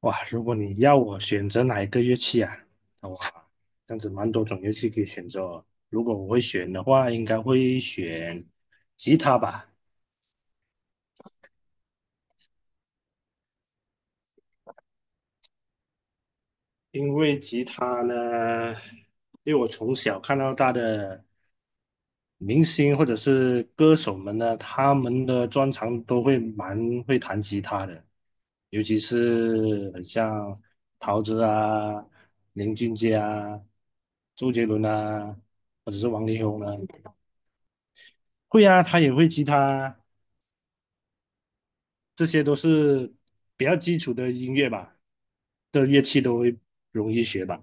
哇，如果你要我选择哪一个乐器啊？哇，这样子蛮多种乐器可以选择哦。如果我会选的话，应该会选吉他吧，因为吉他呢，因为我从小看到大的明星或者是歌手们呢，他们的专长都会蛮会弹吉他的，尤其是很像陶喆啊、林俊杰啊、周杰伦啊，或者是王力宏啊。会啊，他也会吉他，这些都是比较基础的音乐吧，的乐器都会容易学吧。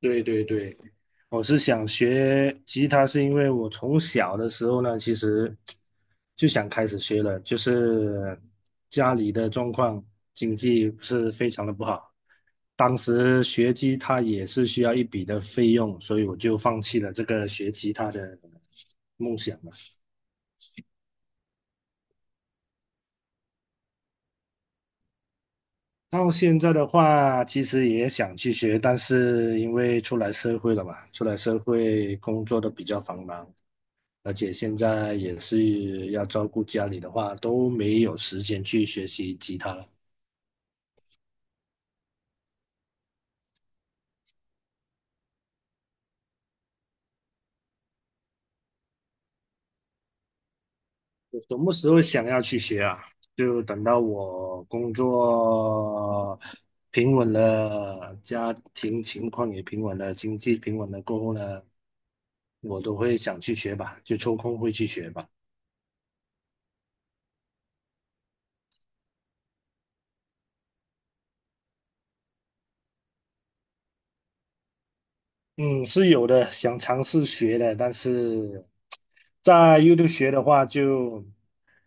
对对对，我是想学吉他，是因为我从小的时候呢，其实就想开始学了，就是家里的状况经济不是非常的不好，当时学吉他也是需要一笔的费用，所以我就放弃了这个学吉他的梦想了。到现在的话，其实也想去学，但是因为出来社会了嘛，出来社会工作的比较繁忙，而且现在也是要照顾家里的话，都没有时间去学习吉他了。我什么时候想要去学啊？就等到我工作平稳了，家庭情况也平稳了，经济平稳了过后呢，我都会想去学吧，就抽空会去学吧。嗯，是有的，想尝试学的，但是在 YouTube 学的话就，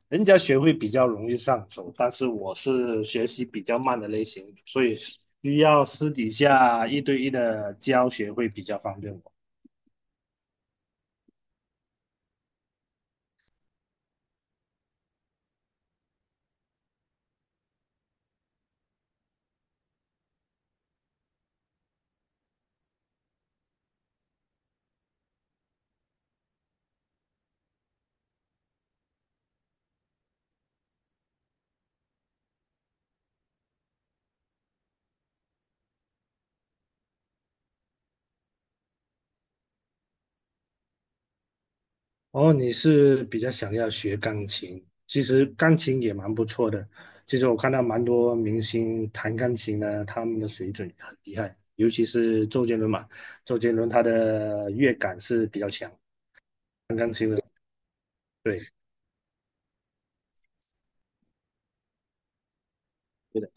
人家学会比较容易上手，但是我是学习比较慢的类型，所以需要私底下一对一的教学会比较方便我。哦，你是比较想要学钢琴，其实钢琴也蛮不错的。其实我看到蛮多明星弹钢琴的，他们的水准很厉害，尤其是周杰伦嘛，周杰伦他的乐感是比较强。对，对的，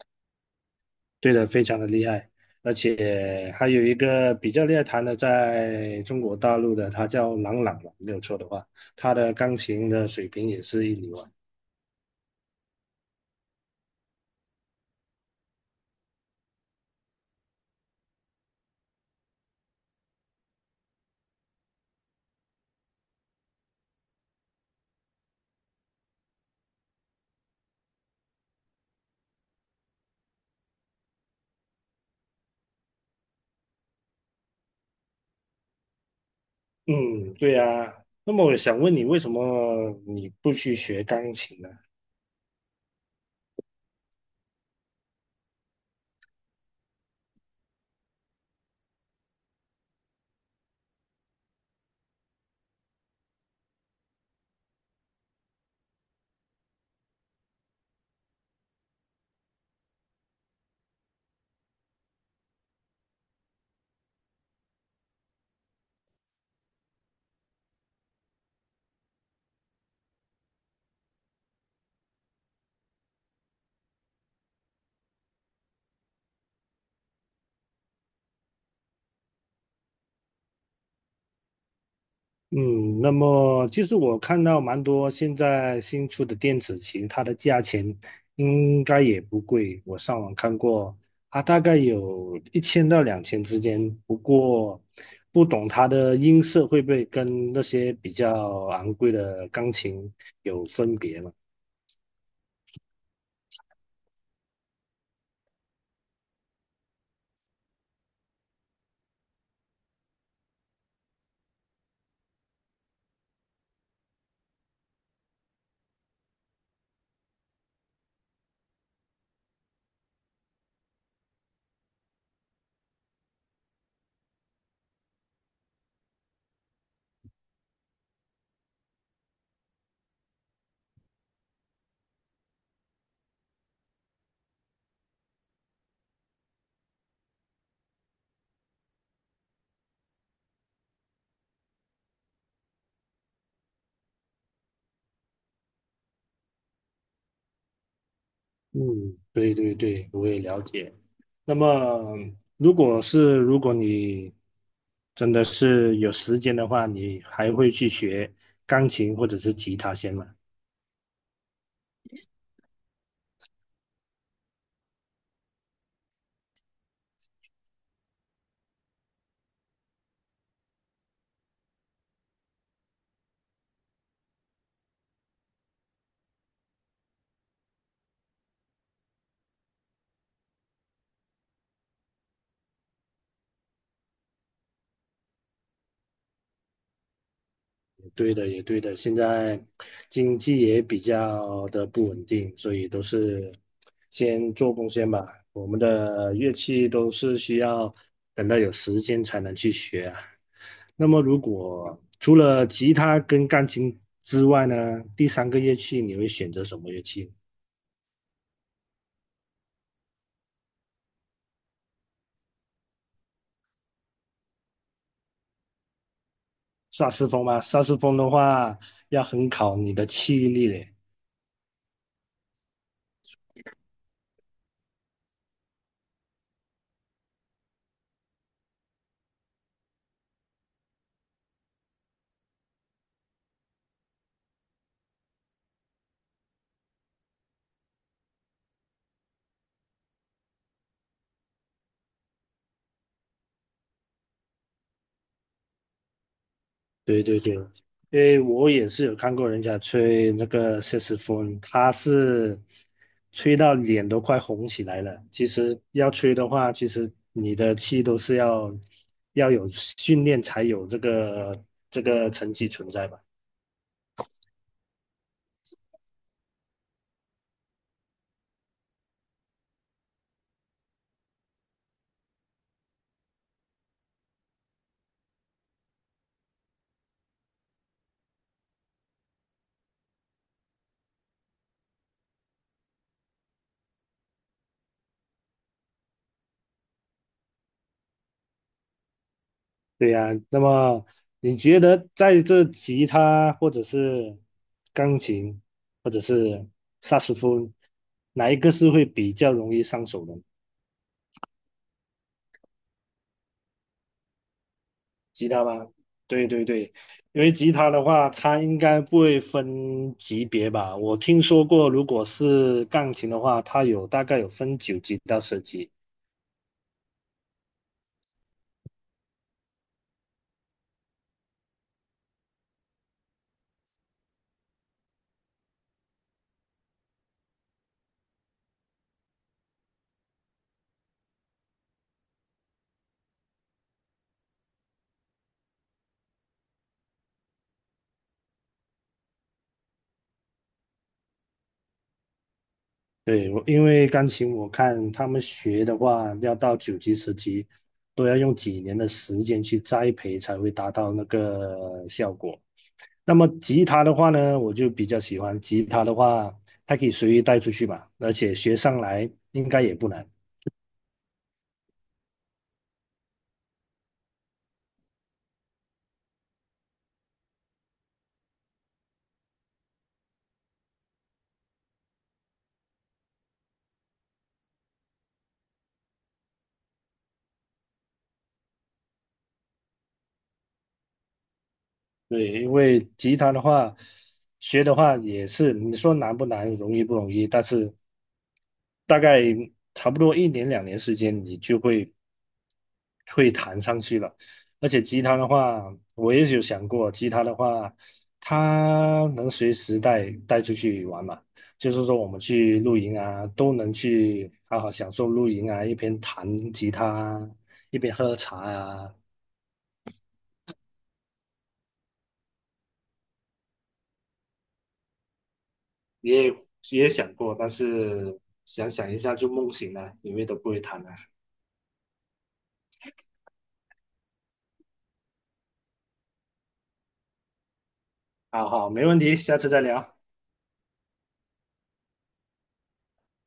对的，非常的厉害，而且还有一个比较厉害弹的，在中国大陆的，他叫郎朗嘛，没有错的话，他的钢琴的水平也是一流啊。嗯，对啊。那么我想问你，为什么你不去学钢琴呢？嗯，那么其实我看到蛮多现在新出的电子琴，它的价钱应该也不贵。我上网看过，它大概有1000到2000之间。不过不懂它的音色会不会跟那些比较昂贵的钢琴有分别嘛？嗯，对对对，我也了解。那么，如果你真的是有时间的话，你还会去学钢琴或者是吉他先吗？对的，也对的。现在经济也比较的不稳定，所以都是先做贡献吧。我们的乐器都是需要等到有时间才能去学啊。那么，如果除了吉他跟钢琴之外呢，第三个乐器你会选择什么乐器？萨斯风吗？萨斯风的话要很考你的气力嘞。对对对，因为我也是有看过人家吹那个萨克斯风，他是吹到脸都快红起来了。其实要吹的话，其实你的气都是要有训练才有这个成绩存在吧？对呀、那么你觉得在这吉他或者是钢琴或者是萨克斯风，哪一个是会比较容易上手的？吉他吗？对对对，因为吉他的话，它应该不会分级别吧？我听说过，如果是钢琴的话，它有大概有分9级到10级。对，我因为钢琴我看他们学的话，要到9级、10级，都要用几年的时间去栽培才会达到那个效果。那么吉他的话呢，我就比较喜欢吉他的话，它可以随意带出去嘛，而且学上来应该也不难。对，因为吉他的话，学的话也是，你说难不难，容易不容易，但是大概差不多1年2年时间，你就会弹上去了。而且吉他的话，我也有想过，吉他的话，它能随时带出去玩嘛，就是说我们去露营啊，都能去好好享受露营啊，一边弹吉他啊，一边喝茶啊。也也想过，但是想一下就梦醒了，因为都不会弹了。好好，没问题，下次再聊。